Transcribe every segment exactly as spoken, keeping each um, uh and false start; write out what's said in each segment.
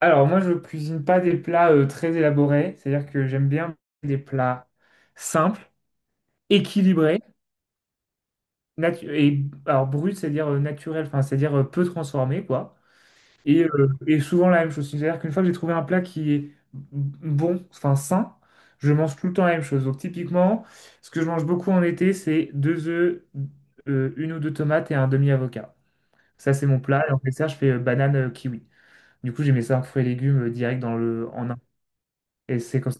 Alors, moi, je cuisine pas des plats euh, très élaborés, c'est-à-dire que j'aime bien des plats simples, équilibrés, natu- et alors brut, c'est-à-dire euh, naturel, enfin, c'est-à-dire euh, peu transformé, quoi. Et, euh, et souvent la même chose. C'est-à-dire qu'une fois que j'ai trouvé un plat qui est bon, enfin sain, je mange tout le temps la même chose. Donc, typiquement, ce que je mange beaucoup en été, c'est deux œufs, euh, une ou deux tomates et un demi-avocat. Ça, c'est mon plat. Et en dessert, je fais euh, banane euh, kiwi. Du coup, j'ai mes cinq fruits et légumes euh, direct dans le, en un. Et c'est comme ça.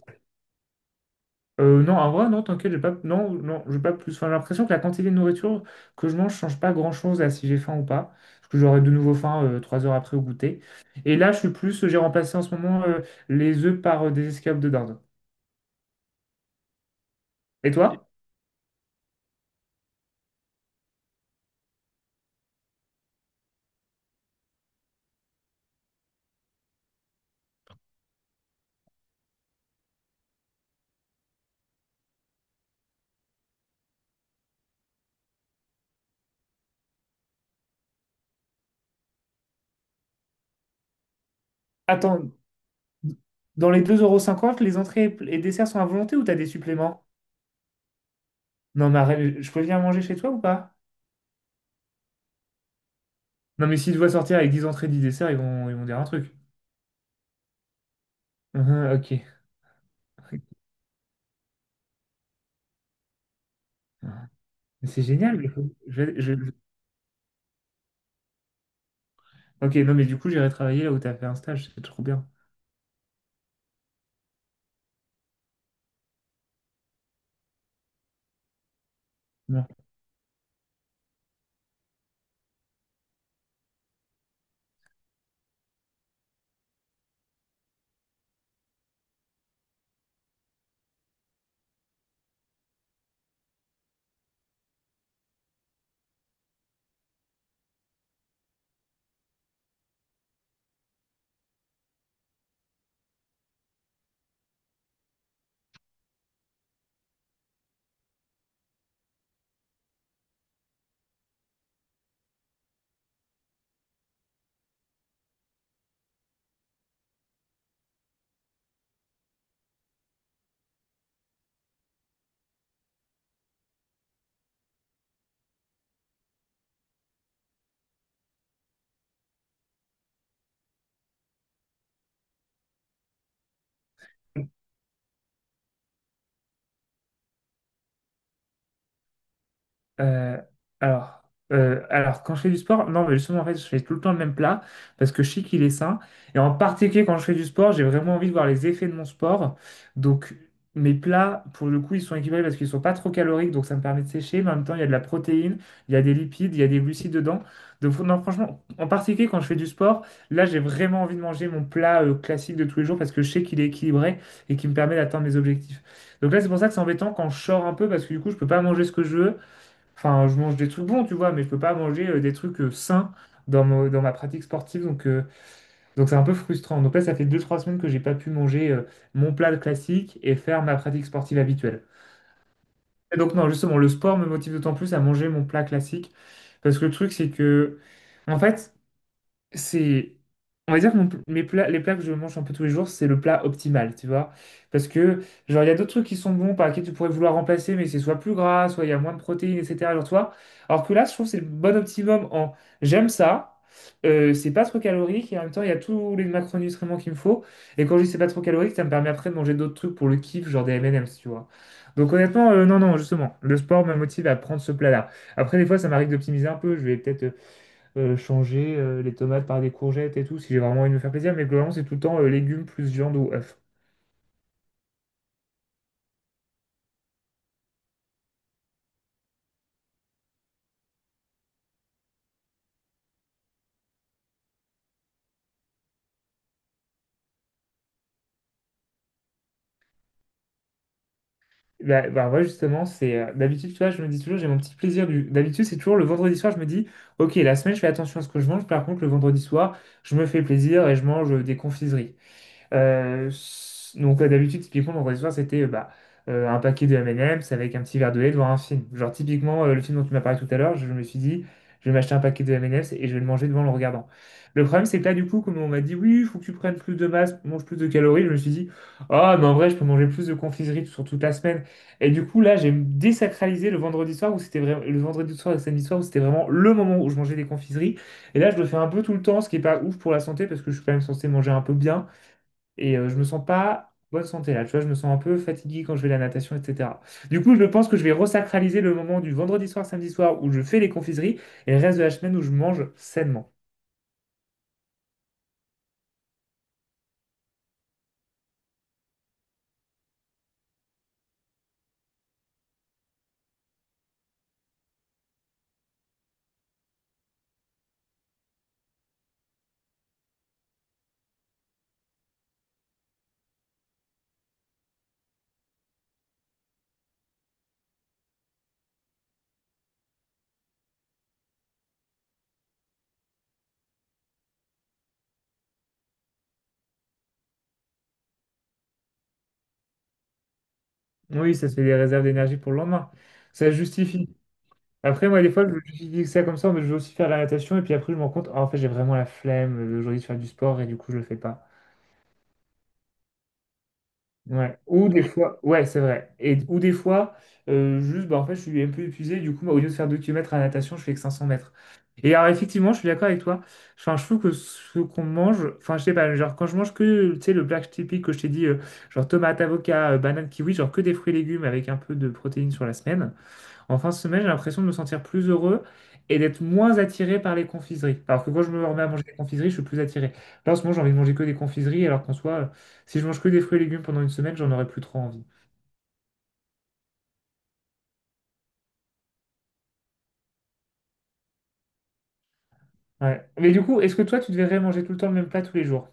Euh, non, en vrai, non, t'inquiète, j'ai pas, non, non, j'ai pas plus. Enfin, j'ai l'impression que la quantité de nourriture que je mange change pas grand-chose à si j'ai faim ou pas. Parce que j'aurai de nouveau faim euh, trois heures après au goûter. Et là, je suis plus, j'ai remplacé en ce moment euh, les œufs par euh, des escalopes de dinde. Et toi? Attends, dans les deux euros, cinquante, les entrées et desserts sont à volonté ou t'as des suppléments? Non, mais arrête, je peux venir manger chez toi ou pas? Non, mais s'ils doivent sortir avec dix entrées, dix desserts, ils vont, ils vont dire un truc. Uhum, ok. C'est génial. Je vais, je- je vais Ok, non, mais du coup, j'irai travailler là où tu as fait un stage, c'est trop bien. Non. Euh, alors, euh, alors, quand je fais du sport, non, mais justement, en fait, je fais tout le temps le même plat parce que je sais qu'il est sain. Et en particulier, quand je fais du sport, j'ai vraiment envie de voir les effets de mon sport. Donc, mes plats, pour le coup, ils sont équilibrés parce qu'ils sont pas trop caloriques, donc ça me permet de sécher. Mais en même temps, il y a de la protéine, il y a des lipides, il y a des glucides dedans. Donc, non, franchement, en particulier, quand je fais du sport, là, j'ai vraiment envie de manger mon plat euh, classique de tous les jours parce que je sais qu'il est équilibré et qu'il me permet d'atteindre mes objectifs. Donc là, c'est pour ça que c'est embêtant quand je sors un peu parce que du coup, je peux pas manger ce que je veux. Enfin, je mange des trucs bons, tu vois, mais je peux pas manger euh, des trucs euh, sains dans, mo- dans ma pratique sportive. Donc, euh, donc c'est un peu frustrant. Donc là, ça fait deux trois semaines que j'ai pas pu manger euh, mon plat classique et faire ma pratique sportive habituelle. Et donc non, justement, le sport me motive d'autant plus à manger mon plat classique. Parce que le truc, c'est que, en fait, c'est, on va dire que mon pl- mes plats les plats que je mange un peu tous les jours, c'est le plat optimal, tu vois. Parce que, genre, il y a d'autres trucs qui sont bons par lesquels tu pourrais vouloir remplacer, mais c'est soit plus gras, soit il y a moins de protéines, etc., genre toi. Alors que là, je trouve que c'est le bon optimum en, j'aime ça, euh, c'est pas trop calorique et en même temps il y a tous les macronutriments qu'il me faut. Et quand je dis c'est pas trop calorique, ça me permet après de manger d'autres trucs pour le kiff, genre des M et M's, tu vois. Donc honnêtement, euh, non non, justement le sport me motive à prendre ce plat-là. Après, des fois, ça m'arrive d'optimiser un peu, je vais peut-être euh, changer euh, les tomates par des courgettes et tout, si j'ai vraiment envie de me faire plaisir. Mais globalement, c'est tout le temps euh, légumes plus viande ou œufs. Bah, bah ouais, justement, c'est euh, d'habitude, tu vois, je me dis toujours, j'ai mon petit plaisir du. D'habitude, c'est toujours le vendredi soir, je me dis, ok, la semaine, je fais attention à ce que je mange. Par contre, le vendredi soir, je me fais plaisir et je mange euh, des confiseries. Euh, donc euh, d'habitude, typiquement, mon réseau c'était euh, bah, euh, un paquet de M et M's avec un petit verre de lait devant un film. Genre typiquement, euh, le film dont tu m'as parlé tout à l'heure, je me suis dit, je vais m'acheter un paquet de M et M's et je vais le manger devant le regardant. Le problème, c'est que là, du coup, comme on m'a dit, oui, il faut que tu prennes plus de masse, mange plus de calories, je me suis dit, ah, mais en vrai, je peux manger plus de confiserie sur toute la semaine. Et du coup, là, j'ai désacralisé le vendredi soir où c'était vraiment le vendredi soir et le samedi soir où c'était vraiment le moment où je mangeais des confiseries. Et là, je le fais un peu tout le temps, ce qui est pas ouf pour la santé parce que je suis quand même censé manger un peu bien. Et euh, je me sens pas en bonne santé là, tu vois, je me sens un peu fatigué quand je vais à la natation, et cetera. Du coup, je pense que je vais resacraliser le moment du vendredi soir, samedi soir où je fais les confiseries et le reste de la semaine où je mange sainement. Oui, ça se fait des réserves d'énergie pour le lendemain. Ça se justifie. Après, moi, des fois, je justifie ça comme ça, mais je vais aussi faire la natation et puis après, je me rends compte, ah, en fait, j'ai vraiment la flemme euh, aujourd'hui de faire du sport et du coup, je le fais pas. Ouais. Ou des fois, ouais, c'est vrai. Et, ou des fois, euh, juste, bah, en fait, je suis un peu épuisé. Du coup, moi, au lieu de faire deux kilomètres à la natation, je fais que cinq cents mètres. Et alors, effectivement, je suis d'accord avec toi. Enfin, je trouve que ce qu'on mange, enfin, je sais pas, genre, quand je mange que, tu sais, le black typique que je t'ai dit, euh, genre tomate, avocat, euh, banane, kiwi, genre que des fruits et légumes avec un peu de protéines sur la semaine. En fin de semaine, j'ai l'impression de me sentir plus heureux et d'être moins attiré par les confiseries. Alors que quand je me remets à manger des confiseries, je suis plus attiré. Là, en ce moment, j'ai envie de manger que des confiseries, alors qu'en soi, euh, si je mange que des fruits et légumes pendant une semaine, j'en aurais plus trop envie. Ouais. Mais du coup, est-ce que toi, tu devrais manger tout le temps le même plat tous les jours?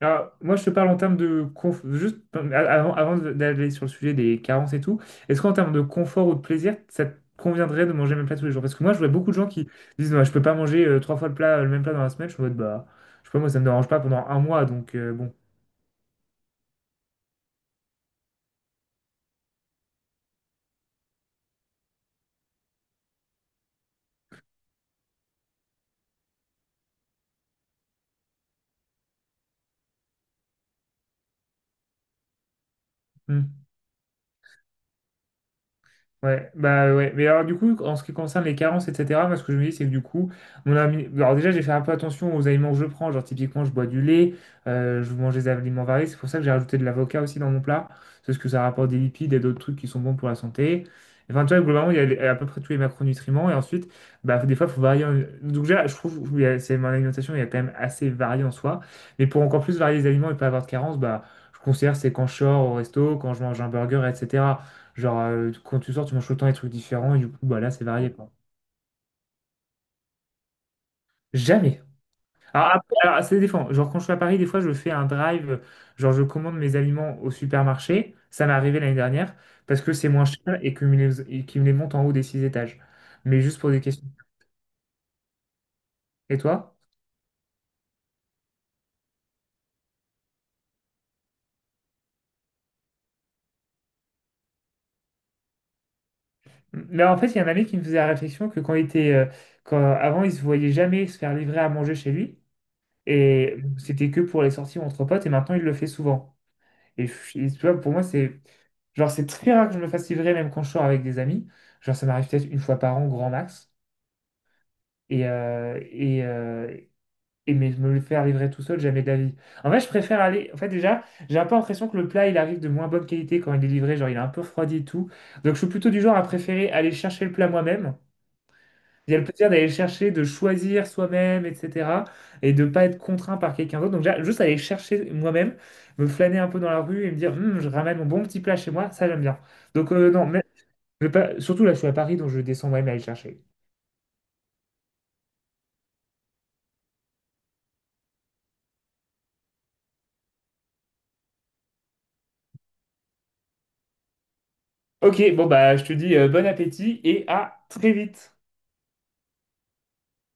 Alors, moi, je te parle en termes de conf... juste euh, avant, avant d'aller sur le sujet des carences et tout, est-ce qu'en termes de confort ou de plaisir, ça te conviendrait de manger le même plat tous les jours? Parce que moi, je vois beaucoup de gens qui disent, non, je peux pas manger euh, trois fois le plat, le même plat dans la semaine. Je suis en mode, bah, je sais pas, moi, ça me dérange pas pendant un mois, donc euh, bon. Mmh. Ouais, bah ouais. Mais alors du coup, en ce qui concerne les carences, et cetera, moi ce que je me dis, c'est que du coup, mon ami... Alors déjà, j'ai fait un peu attention aux aliments que je prends. Genre typiquement, je bois du lait, euh, je mange des aliments variés. C'est pour ça que j'ai rajouté de l'avocat aussi dans mon plat. Parce que ça rapporte des lipides et d'autres trucs qui sont bons pour la santé. Enfin, tu vois, globalement, il y a les- à peu près tous les macronutriments. Et ensuite, bah, des fois, il faut varier. en- Donc déjà, je trouve que il y a- c'est mon alimentation, il y a quand même assez varié en soi. Mais pour encore plus varier les aliments et pas avoir de carences, bah, je considère que c'est quand je sors au resto, quand je mange un burger, et cetera. Genre, euh, quand tu sors, tu manges tout le temps des trucs différents, et du coup, bah là, c'est varié, quoi. Jamais. Alors, après, alors, ça dépend. Genre, quand je suis à Paris, des fois, je fais un drive, euh, genre, je commande mes aliments au supermarché. Ça m'est arrivé l'année dernière, parce que c'est moins cher et qu'ils me les, et qu'ils me les montent en haut des six étages. Mais juste pour des questions. Et toi? Mais en fait, il y a un ami qui me faisait la réflexion que quand il était, euh, quand, avant, il se voyait jamais se faire livrer à manger chez lui. Et c'était que pour les sorties entre potes, et maintenant, il le fait souvent. Et, f- et tu vois, pour moi, c'est genre c'est très rare que je me fasse livrer, même quand je sors avec des amis. Genre, ça m'arrive peut-être une fois par an, grand max. Et, euh, et, euh, et mais me le faire livrer tout seul, jamais d'avis. En fait, je préfère aller. En fait, déjà, j'ai un peu l'impression que le plat, il arrive de moins bonne qualité quand il est livré. Genre, il est un peu refroidi et tout. Donc, je suis plutôt du genre à préférer aller chercher le plat moi-même. Il y a le plaisir d'aller chercher, de choisir soi-même, et cetera. Et de ne pas être contraint par quelqu'un d'autre. Donc, j'a- juste aller chercher moi-même, me flâner un peu dans la rue et me dire, hum, je ramène mon bon petit plat chez moi, ça j'aime bien. Donc, euh, non, mais, mais pas, surtout là, je suis à Paris, donc je descends moi-même aller le chercher. Ok, bon, bah, je te dis euh, bon appétit et à très vite.